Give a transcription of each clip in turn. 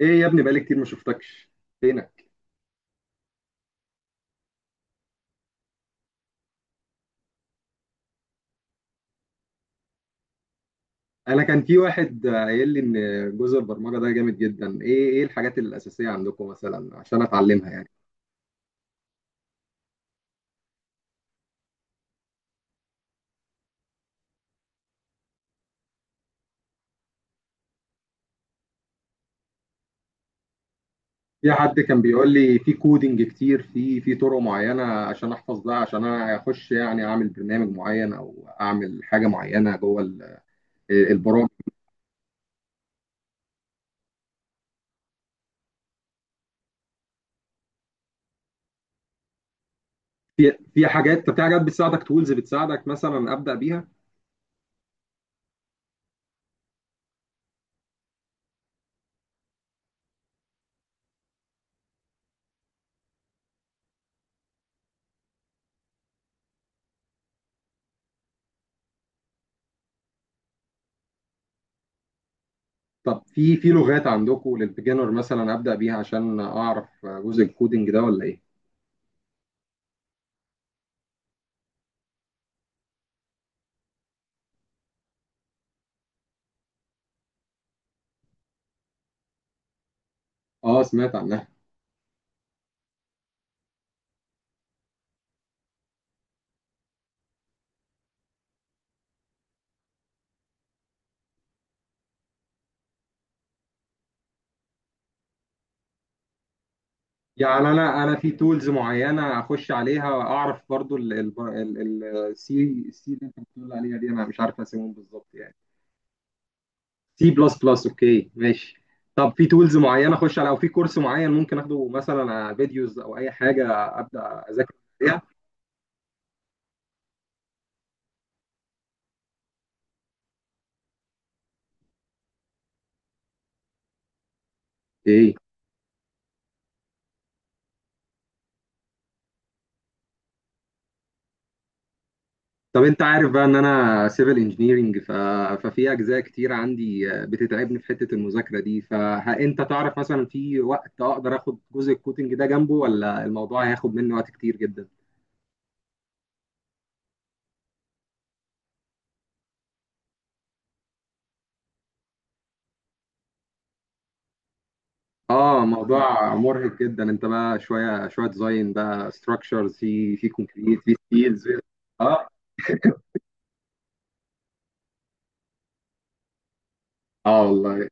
ايه يا ابني، بقالي كتير ما شفتكش. فينك؟ انا كان في واحد قايل لي ان جزء البرمجه ده جامد جدا. ايه الحاجات الاساسيه عندكم مثلا عشان اتعلمها يعني؟ في حد كان بيقول لي في كودينج كتير في طرق معينه عشان احفظ ده، عشان انا اخش يعني اعمل برنامج معين او اعمل حاجه معينه جوه البرامج. في حاجات، طب في حاجات بتساعدك، تولز بتساعدك مثلا ابدا بيها؟ طب في لغات عندكم للبيجنر مثلا ابدا بيها عشان اعرف جزء الكودينج ده ولا ايه؟ اه، سمعت عنها. يعني انا في تولز معينه اخش عليها اعرف برضو، السي اللي انت بتقول عليها دي انا مش عارف اسمهم بالظبط يعني. سي بلس بلس، اوكي ماشي. طب في تولز معينه اخش على، او في كورس معين ممكن اخده مثلا على فيديوز او اي حاجه ابدا اذاكر عليها؟ ايه. طب انت عارف بقى ان انا سيفل انجينيرنج، ففي اجزاء كتير عندي بتتعبني في حته المذاكره دي. فانت تعرف مثلا في وقت اقدر اخد جزء الكودينج ده جنبه، ولا الموضوع هياخد مني وقت كتير جدا؟ اه، موضوع مرهق جدا. انت بقى شويه شويه ديزاين بقى، ستراكشرز، في كونكريت، في ستيلز. اه. اه والله.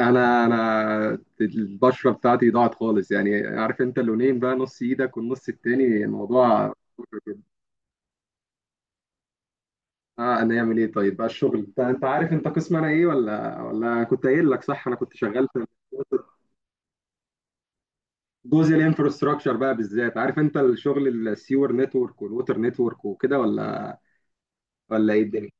انا البشره بتاعتي ضاعت خالص يعني، عارف انت اللونين بقى، نص ايدك والنص التاني، الموضوع مرهق جدا. اه، انا اعمل ايه طيب بقى؟ الشغل، انت عارف انت قسم انا ايه؟ ولا أنا كنت قايل لك؟ صح، انا كنت شغال في جزء الانفراستراكشر بقى بالذات. عارف انت الشغل، السيور نتورك والووتر نتورك وكده، ولا ايه الدنيا؟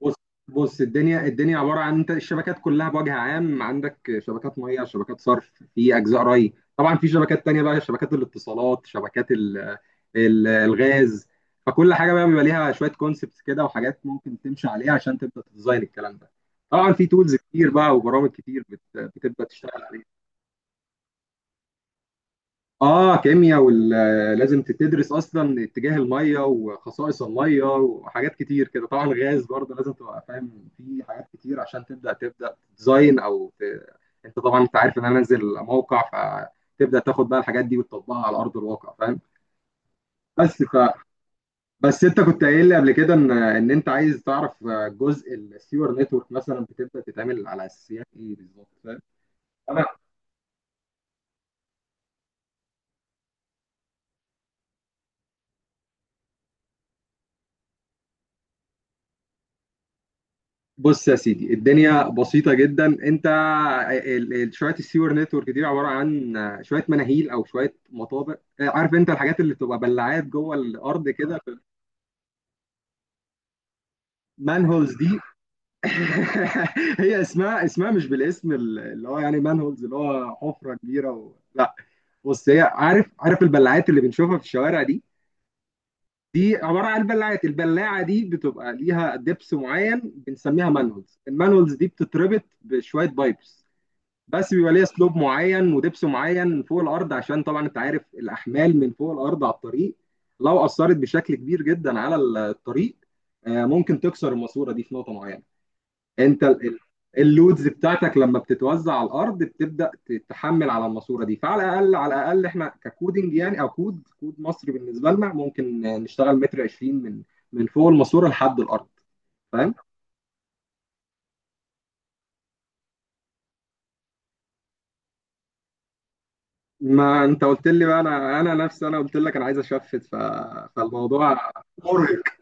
بص بص الدنيا عباره عن انت، الشبكات كلها بوجه عام. عندك شبكات ميه، شبكات صرف، في اجزاء ري طبعا، في شبكات تانية بقى، شبكات الاتصالات، شبكات ال ال الغاز فكل حاجه بقى بيبقى ليها شويه كونسبتس كده وحاجات ممكن تمشي عليها عشان تبدا تديزاين الكلام ده. طبعا في تولز كتير بقى وبرامج كتير بتبدا تشتغل. اه كيمياء، ولازم تدرس اصلا اتجاه الميه وخصائص الميه وحاجات كتير كده. طبعا غاز برضه لازم تبقى فاهم في حاجات كتير عشان تبدا تديزاين او انت طبعا انت عارف ان انا انزل موقع. فتبدا تاخد بقى الحاجات دي وتطبقها على ارض الواقع، فاهم. بس ف... بس انت كنت قايل لي قبل كده ان انت عايز تعرف جزء السيور نتورك مثلا بتبدا تتعمل على اساسيات ايه بالظبط، فاهم. بص يا سيدي، الدنيا بسيطة جدا. انت شوية السيور نتورك دي عبارة عن شوية مناهيل او شوية مطابق، عارف انت الحاجات اللي بتبقى بلعات جوه الارض كده، مانهولز دي. هي اسمها، مش بالاسم اللي هو يعني مانهولز، اللي هو حفرة كبيرة لا، بص هي، عارف البلعات اللي بنشوفها في الشوارع دي، دي عبارة عن بلعات. البلاعة دي بتبقى ليها دبس معين، بنسميها مانهولز. المانهولز دي بتتربط بشوية بايبس. بس بيبقى ليها سلوب معين ودبس معين فوق الارض. عشان طبعا انت عارف الاحمال من فوق الارض على الطريق، لو اثرت بشكل كبير جدا على الطريق، ممكن تكسر الماسوره دي في نقطه معينه. انت اللودز بتاعتك لما بتتوزع على الارض بتبدا تتحمل على الماسوره دي. فعلى الاقل، على الاقل احنا ككودنج يعني، او كود مصري، بالنسبه لنا ممكن نشتغل متر 20 من فوق الماسوره لحد الارض، فاهم. ما انت قلت لي بقى، انا نفسي، انا قلت لك انا عايز اشفت، فالموضوع مرهق.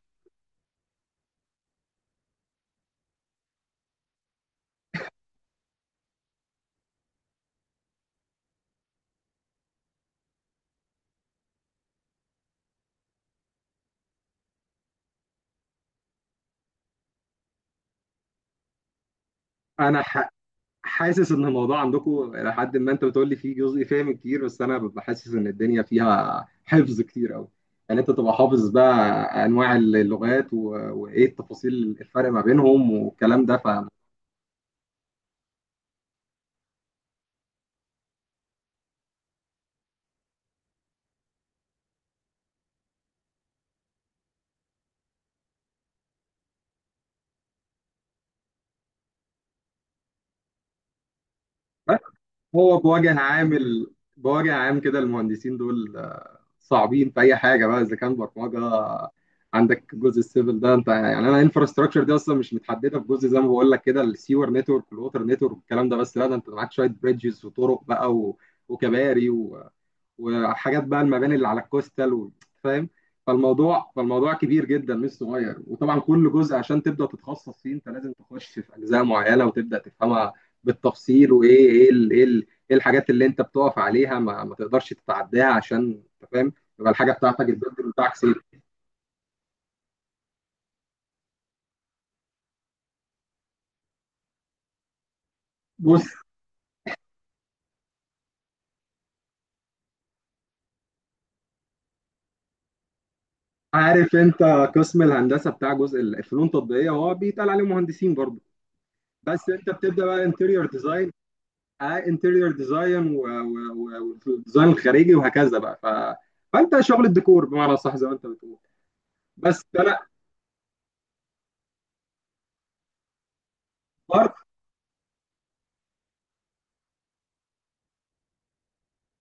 انا حاسس ان الموضوع عندكم الى حد ما، انت بتقول لي فيه جزء فهم كتير، بس انا ببقى حاسس ان الدنيا فيها حفظ كتير قوي يعني. انت تبقى حافظ بقى انواع اللغات وايه التفاصيل، الفرق ما بينهم والكلام ده، فاهم. هو بوجه عام بوجه عام كده المهندسين دول صعبين في اي حاجه بقى، اذا كان برمجه، عندك جزء السيفل ده انت يعني. انا انفراستراكشر دي اصلا مش متحدده في جزء زي ما بقول لك كده، السيور نتورك والووتر نتورك والكلام ده، بس لا ده انت معاك شويه بريدجز وطرق بقى وكباري وحاجات بقى، المباني اللي على الكوستال فاهم. فالموضوع كبير جدا مش صغير. وطبعا كل جزء عشان تبدا تتخصص فيه انت لازم تخش في اجزاء معينه وتبدا تفهمها بالتفصيل. وايه ايه الحاجات اللي انت بتقف عليها، ما تقدرش تتعداها، عشان انت فاهم يبقى الحاجه بتاعتك البيلدر بتاعك سيف. بص، عارف انت قسم الهندسه بتاع جزء الفنون التطبيقيه هو بيتقال عليه مهندسين برضه. بس انت بتبدا بقى انتيريور ديزاين، انتريور ديزاين والديزاين الخارجي وهكذا بقى، فانت شغل الديكور بمعنى صح زي ما انت بتقول. بس انا برضه،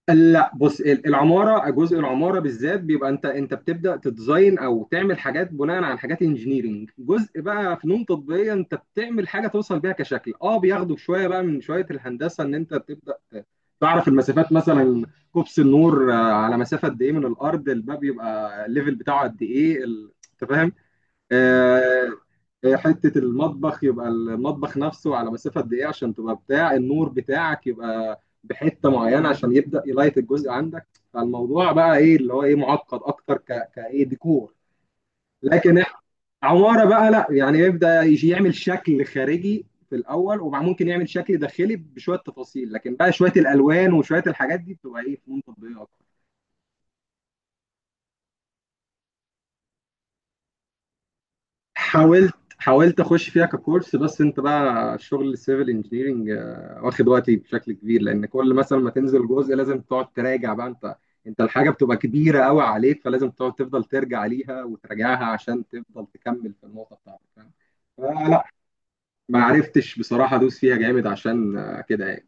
لا بص العماره، جزء العماره بالذات بيبقى انت، بتبدا تديزاين او تعمل حاجات بناء على حاجات انجينيرنج. جزء بقى فنون تطبيقيه انت بتعمل حاجه توصل بيها كشكل، اه بياخدوا شويه بقى من شويه الهندسه ان انت بتبدا تعرف المسافات مثلا. كوبس النور على مسافه قد ايه من الارض، الباب يبقى الليفل بتاعه قد ايه، انت فاهم. آه، حتة المطبخ يبقى المطبخ نفسه على مسافة قد إيه، عشان تبقى بتاع النور بتاعك يبقى بحتة معينة عشان يبدأ يلايت الجزء عندك. فالموضوع بقى إيه اللي هو إيه، معقد أكتر كإيه، ديكور لكن إحنا عمارة بقى، لا يعني يبدأ يجي يعمل شكل خارجي في الأول وممكن يعمل شكل داخلي بشوية تفاصيل، لكن بقى شوية الألوان وشوية الحاجات دي بتبقى إيه فنون تطبيقية أكتر. حاولت، حاولت اخش فيها ككورس، بس انت بقى شغل السيفل انجينيرنج واخد وقتي بشكل كبير. لان كل مثلا ما تنزل جزء لازم تقعد تراجع بقى انت، الحاجه بتبقى كبيره قوي عليك، فلازم تقعد تفضل ترجع ليها وتراجعها عشان تفضل تكمل في النقطه بتاعتك، فاهم. فلا، ما عرفتش بصراحه ادوس فيها جامد عشان كده يعني.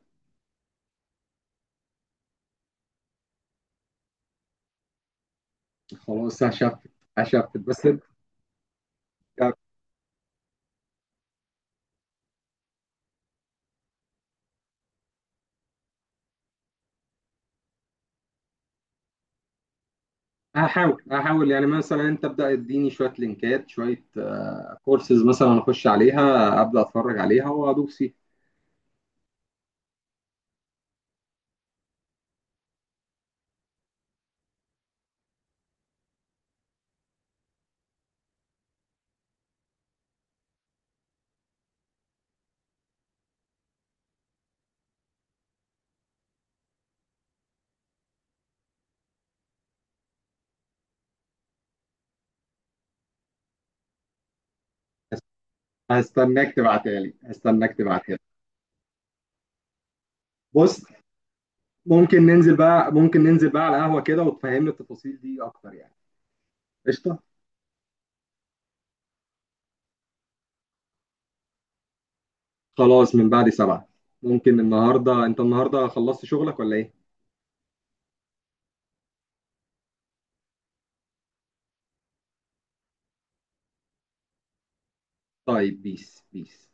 خلاص، هشفت. هشفت بس. هحاول، هحاول يعني، مثلا انت ابدا اديني شويه لينكات، شويه كورسز مثلا اخش عليها ابدا اتفرج عليها وادوس فيها. هستناك تبعتها لي، هستناك تبعتها لي. بص، ممكن ننزل بقى، ممكن ننزل بقى على قهوة كده وتفهمني التفاصيل دي اكتر يعني، قشطة. خلاص، من بعد 7 ممكن. النهاردة، انت النهاردة خلصت شغلك ولا ايه؟ طيب، بيس بيس.